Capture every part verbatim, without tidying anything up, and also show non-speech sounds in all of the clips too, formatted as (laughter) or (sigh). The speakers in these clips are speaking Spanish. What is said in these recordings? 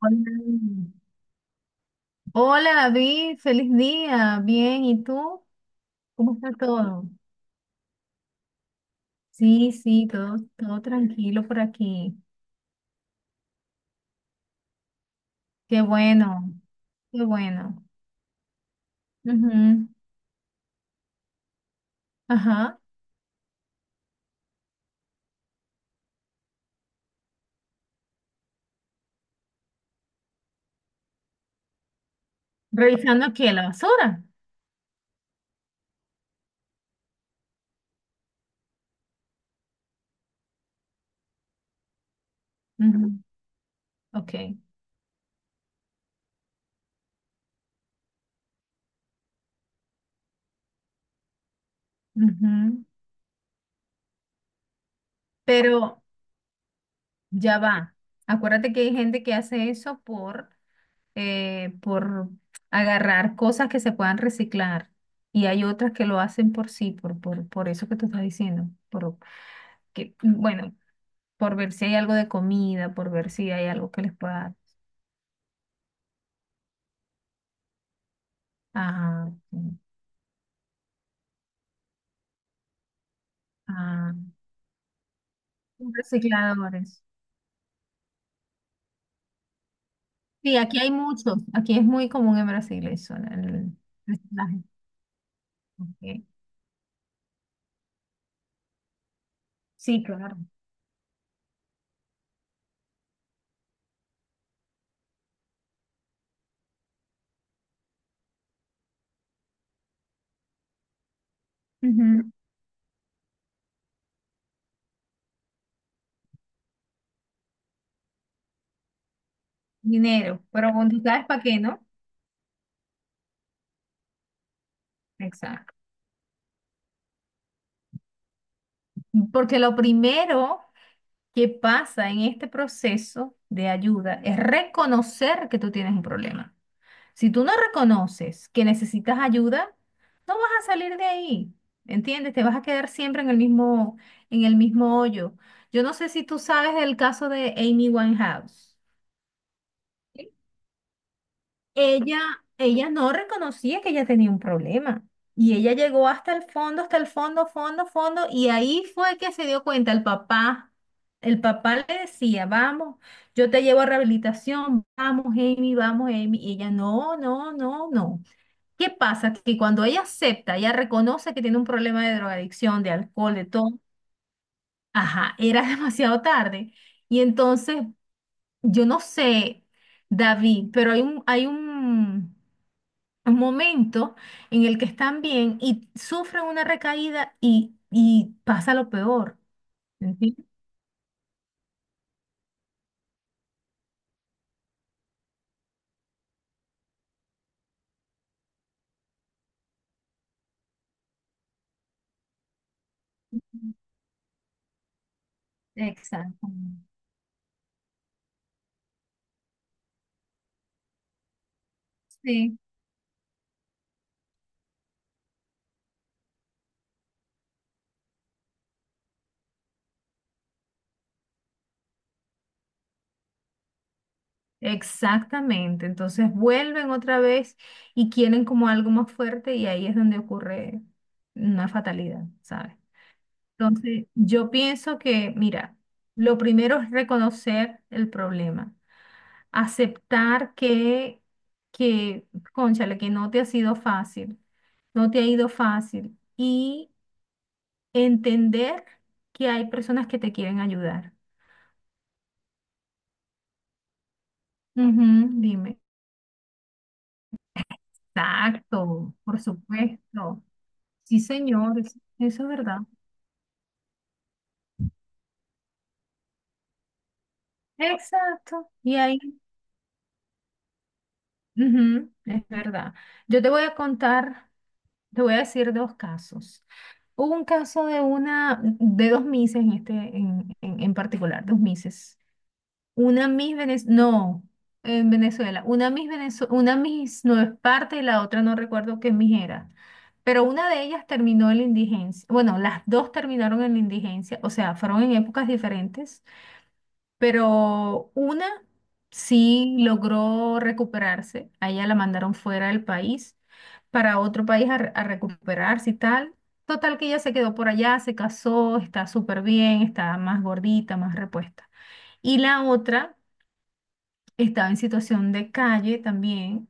Hola. Hola, David, feliz día. Bien, ¿y tú? ¿Cómo está todo? Sí, sí, todo, todo tranquilo por aquí. Qué bueno, qué bueno. Ujú. Ajá. ¿Revisando qué? ¿La basura? Ujú. Ok. Ujú. Pero ya va. Acuérdate que hay gente que hace eso por, eh, por agarrar cosas que se puedan reciclar. Y hay otras que lo hacen por sí, por, por, por eso que tú estás diciendo, por, que, bueno, por ver si hay algo de comida, por ver si hay algo que les pueda... Ajá, sí, ah, recicladores. Sí, aquí hay muchos. Aquí es muy común en Brasil eso, el reciclaje. Ok. Sí, claro. Ujú. Dinero, pero bueno, tú sabes para qué, ¿no? Exacto. Porque lo primero que pasa en este proceso de ayuda es reconocer que tú tienes un problema. Si tú no reconoces que necesitas ayuda, no vas a salir de ahí, ¿entiendes? Te vas a quedar siempre en el mismo, en el mismo hoyo. Yo no sé si tú sabes del caso de Amy Winehouse. ¿Sí? Ella, Ella no reconocía que ella tenía un problema y ella llegó hasta el fondo, hasta el fondo, fondo, fondo, y ahí fue que se dio cuenta el papá. El papá le decía, vamos, yo te llevo a rehabilitación, vamos, Amy, vamos, Amy. Y ella, no, no, no, no. ¿Qué pasa? Que cuando ella acepta, ella reconoce que tiene un problema de drogadicción, de alcohol, de todo. Ajá, era (laughs) demasiado tarde. Y entonces, yo no sé, David, pero hay un, hay un, un momento en el que están bien y sufren una recaída y, y pasa lo peor. ¿Entiendes? Exacto. Exactamente, entonces vuelven otra vez y quieren como algo más fuerte y ahí es donde ocurre una fatalidad, ¿sabes? Entonces, yo pienso que, mira, lo primero es reconocer el problema, aceptar que, que, cónchale, que no te ha sido fácil, no te ha ido fácil y entender que hay personas que te quieren ayudar. Ujú, dime. Exacto, por supuesto. Sí, señor, es- eso es verdad. Exacto. Y ahí, ujú, es verdad. Yo te voy a contar, te voy a decir dos casos. Hubo un caso de una, de dos mises en este, en, en- en particular, dos mises. Una Miss Venezuela, no, en Venezuela. Una Miss Venezuela, una Miss no es parte y la otra no recuerdo qué Miss era. Pero una de ellas terminó en la indigencia. Bueno, las dos terminaron en la indigencia, o sea, fueron en épocas diferentes, pero una sí logró recuperarse. A ella la mandaron fuera del país para otro país a, re- a recuperarse y tal. Total que ella se quedó por allá, se casó, está súper bien, está más gordita, más repuesta. Y la otra estaba en situación de calle también,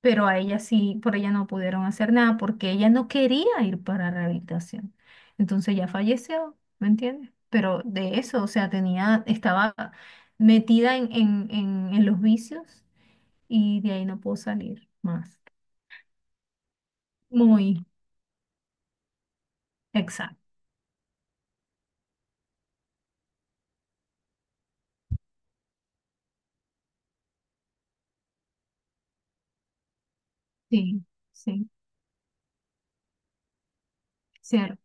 pero a ella sí, por ella no pudieron hacer nada porque ella no quería ir para rehabilitación. Entonces ya falleció, ¿me entiendes? Pero de eso, o sea, tenía, estaba metida en, en, en, en los vicios y de ahí no pudo salir más. Muy exacto. Sí, sí, cierto.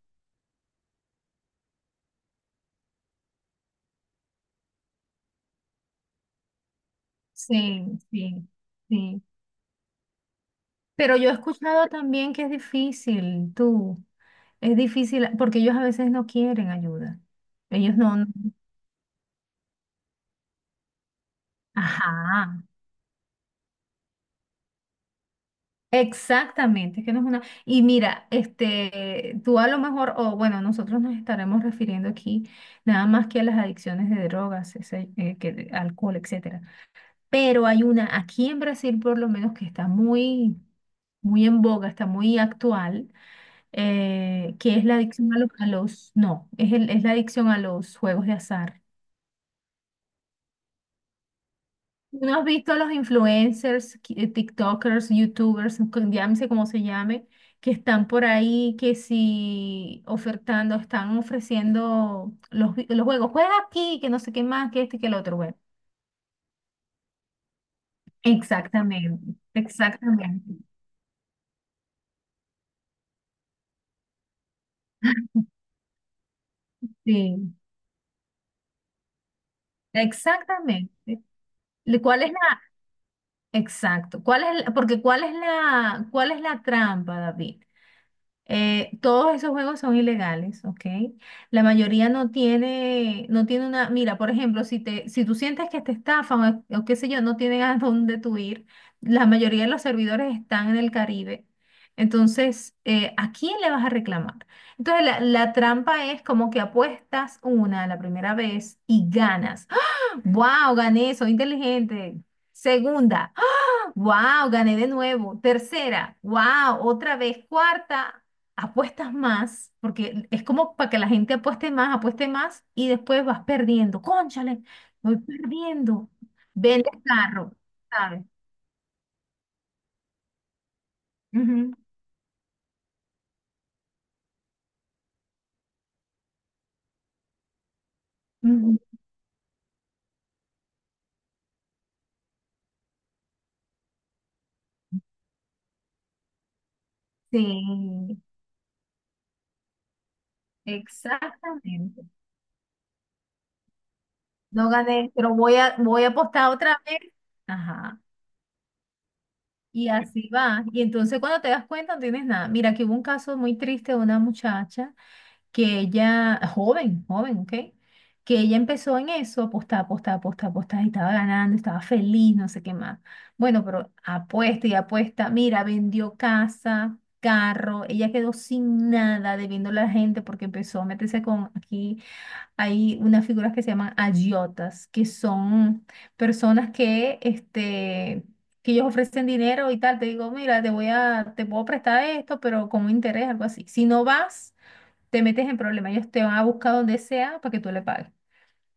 Sí, sí, sí. Pero yo he escuchado también que es difícil, tú. Es difícil porque ellos a veces no quieren ayuda. Ellos no. no- Ajá. Exactamente, es que no es una. Y mira, este, tú a lo mejor, o bueno, nosotros nos estaremos refiriendo aquí nada más que a las adicciones de drogas, ese, eh, que- de alcohol, etcétera. Pero hay una aquí en Brasil, por lo menos, que está muy, muy en boga, está muy actual, eh, que es la adicción a los, a los, no, es el- es la adicción a los juegos de azar. ¿No has visto los influencers, ki- eh, TikTokers, YouTubers, con- llámese como se llame, que están por ahí, que si ofertando, están ofreciendo los, vi- los juegos, juega aquí, que no sé qué más, que este y que el otro, bueno. Exactamente, exactamente, sí, exactamente. Le- ¿Cuál es la, exacto, cuál es, el- porque cuál es la, cuál es la trampa, David? Eh, todos esos juegos son ilegales, ¿ok? La mayoría no tiene, no tiene una, mira, por ejemplo, si te, si tú sientes que te estafan o, o qué sé yo, no tienen a dónde tú ir, la mayoría de los servidores están en el Caribe. Entonces, eh, ¿a quién le vas a reclamar? Entonces, la, la trampa es como que apuestas una la primera vez y ganas. ¡Ah! ¡Wow! Gané, soy inteligente. Segunda. Wow, gané de nuevo. Tercera, wow, otra vez. Cuarta, apuestas más, porque es como para que la gente apueste más, apueste más y después vas perdiendo. Cónchale, voy perdiendo. Vendes carro, ¿sabes? Ujú, ujú. Sí, exactamente. No gané, pero voy a, voy a apostar otra vez. Ajá. Y así va. Y entonces cuando te das cuenta no tienes nada. Mira, que hubo un caso muy triste de una muchacha que ella, ah, joven, joven, ¿ok? Que ella empezó en eso, apostar, apostar, apostar, apostar, y estaba ganando, estaba feliz, no sé qué más. Bueno, pero apuesta y apuesta, mira, vendió casa, carro, ella quedó sin nada debiéndole a la gente porque empezó a meterse con, aquí hay unas figuras que se llaman agiotas, que son personas que, este... que ellos ofrecen dinero y tal, te digo, mira, te voy a, te puedo prestar esto, pero con un interés, algo así. Si no vas, te metes en problemas, ellos te van a buscar donde sea para que tú le pagues.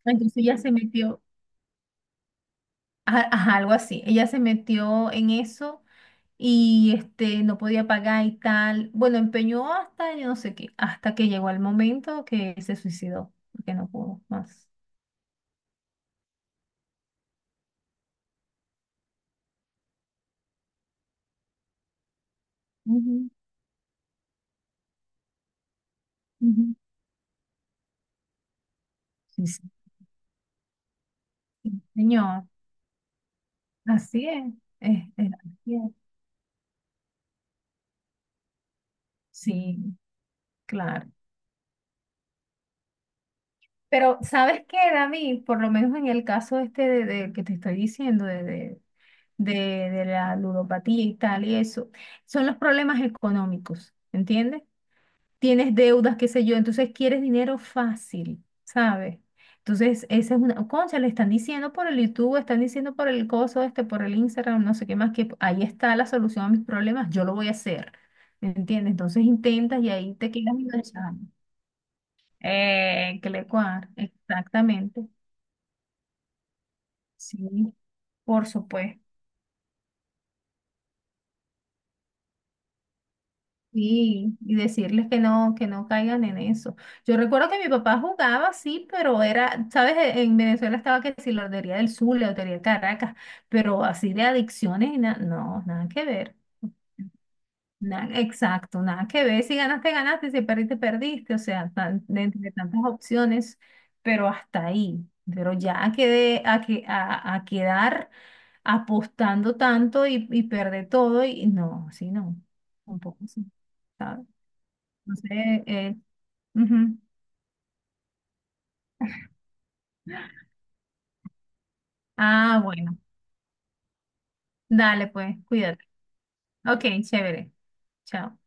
Entonces ella se metió, ajá, ajá, algo así, ella se metió en eso y este, no podía pagar y tal. Bueno, empeñó hasta yo no sé qué, hasta que llegó el momento que se suicidó, porque no pudo más. Ujú, ujú. Sí, sí. Sí, Señor, así es. es- es así es. Sí, claro. Pero, ¿sabes qué, David? Por lo menos en el caso este de, de que te estoy diciendo, de, de- de, de la ludopatía y tal, y eso, son los problemas económicos, ¿entiendes? Tienes deudas, qué sé yo, entonces quieres dinero fácil, ¿sabes? Entonces, esa es una, concha, le están diciendo por el YouTube, están diciendo por el coso este, por el Instagram, no sé qué más, que ahí está la solución a mis problemas, yo lo voy a hacer, ¿me entiendes? Entonces intentas y ahí te quedas enganchado. Eh, que le cuadra, exactamente, sí, por supuesto. Sí, y decirles que no, que no caigan en eso. Yo recuerdo que mi papá jugaba, sí, pero era, sabes, E- en Venezuela estaba que si la Lotería del Sur, la Lotería de Caracas, pero así de adicciones y na- no, nada que ver. Nada, exacto, nada que ver. Si ganaste, ganaste, si perdiste, perdiste. O sea, tan, de entre tantas opciones, pero hasta ahí. Pero ya a, quedé- a, que- a, a quedar apostando tanto y, y perder todo, y no, sí, no, un poco sí. No sé, eh, ujú. Ah, bueno. Dale, pues, cuídate. Ok, chévere. Chao.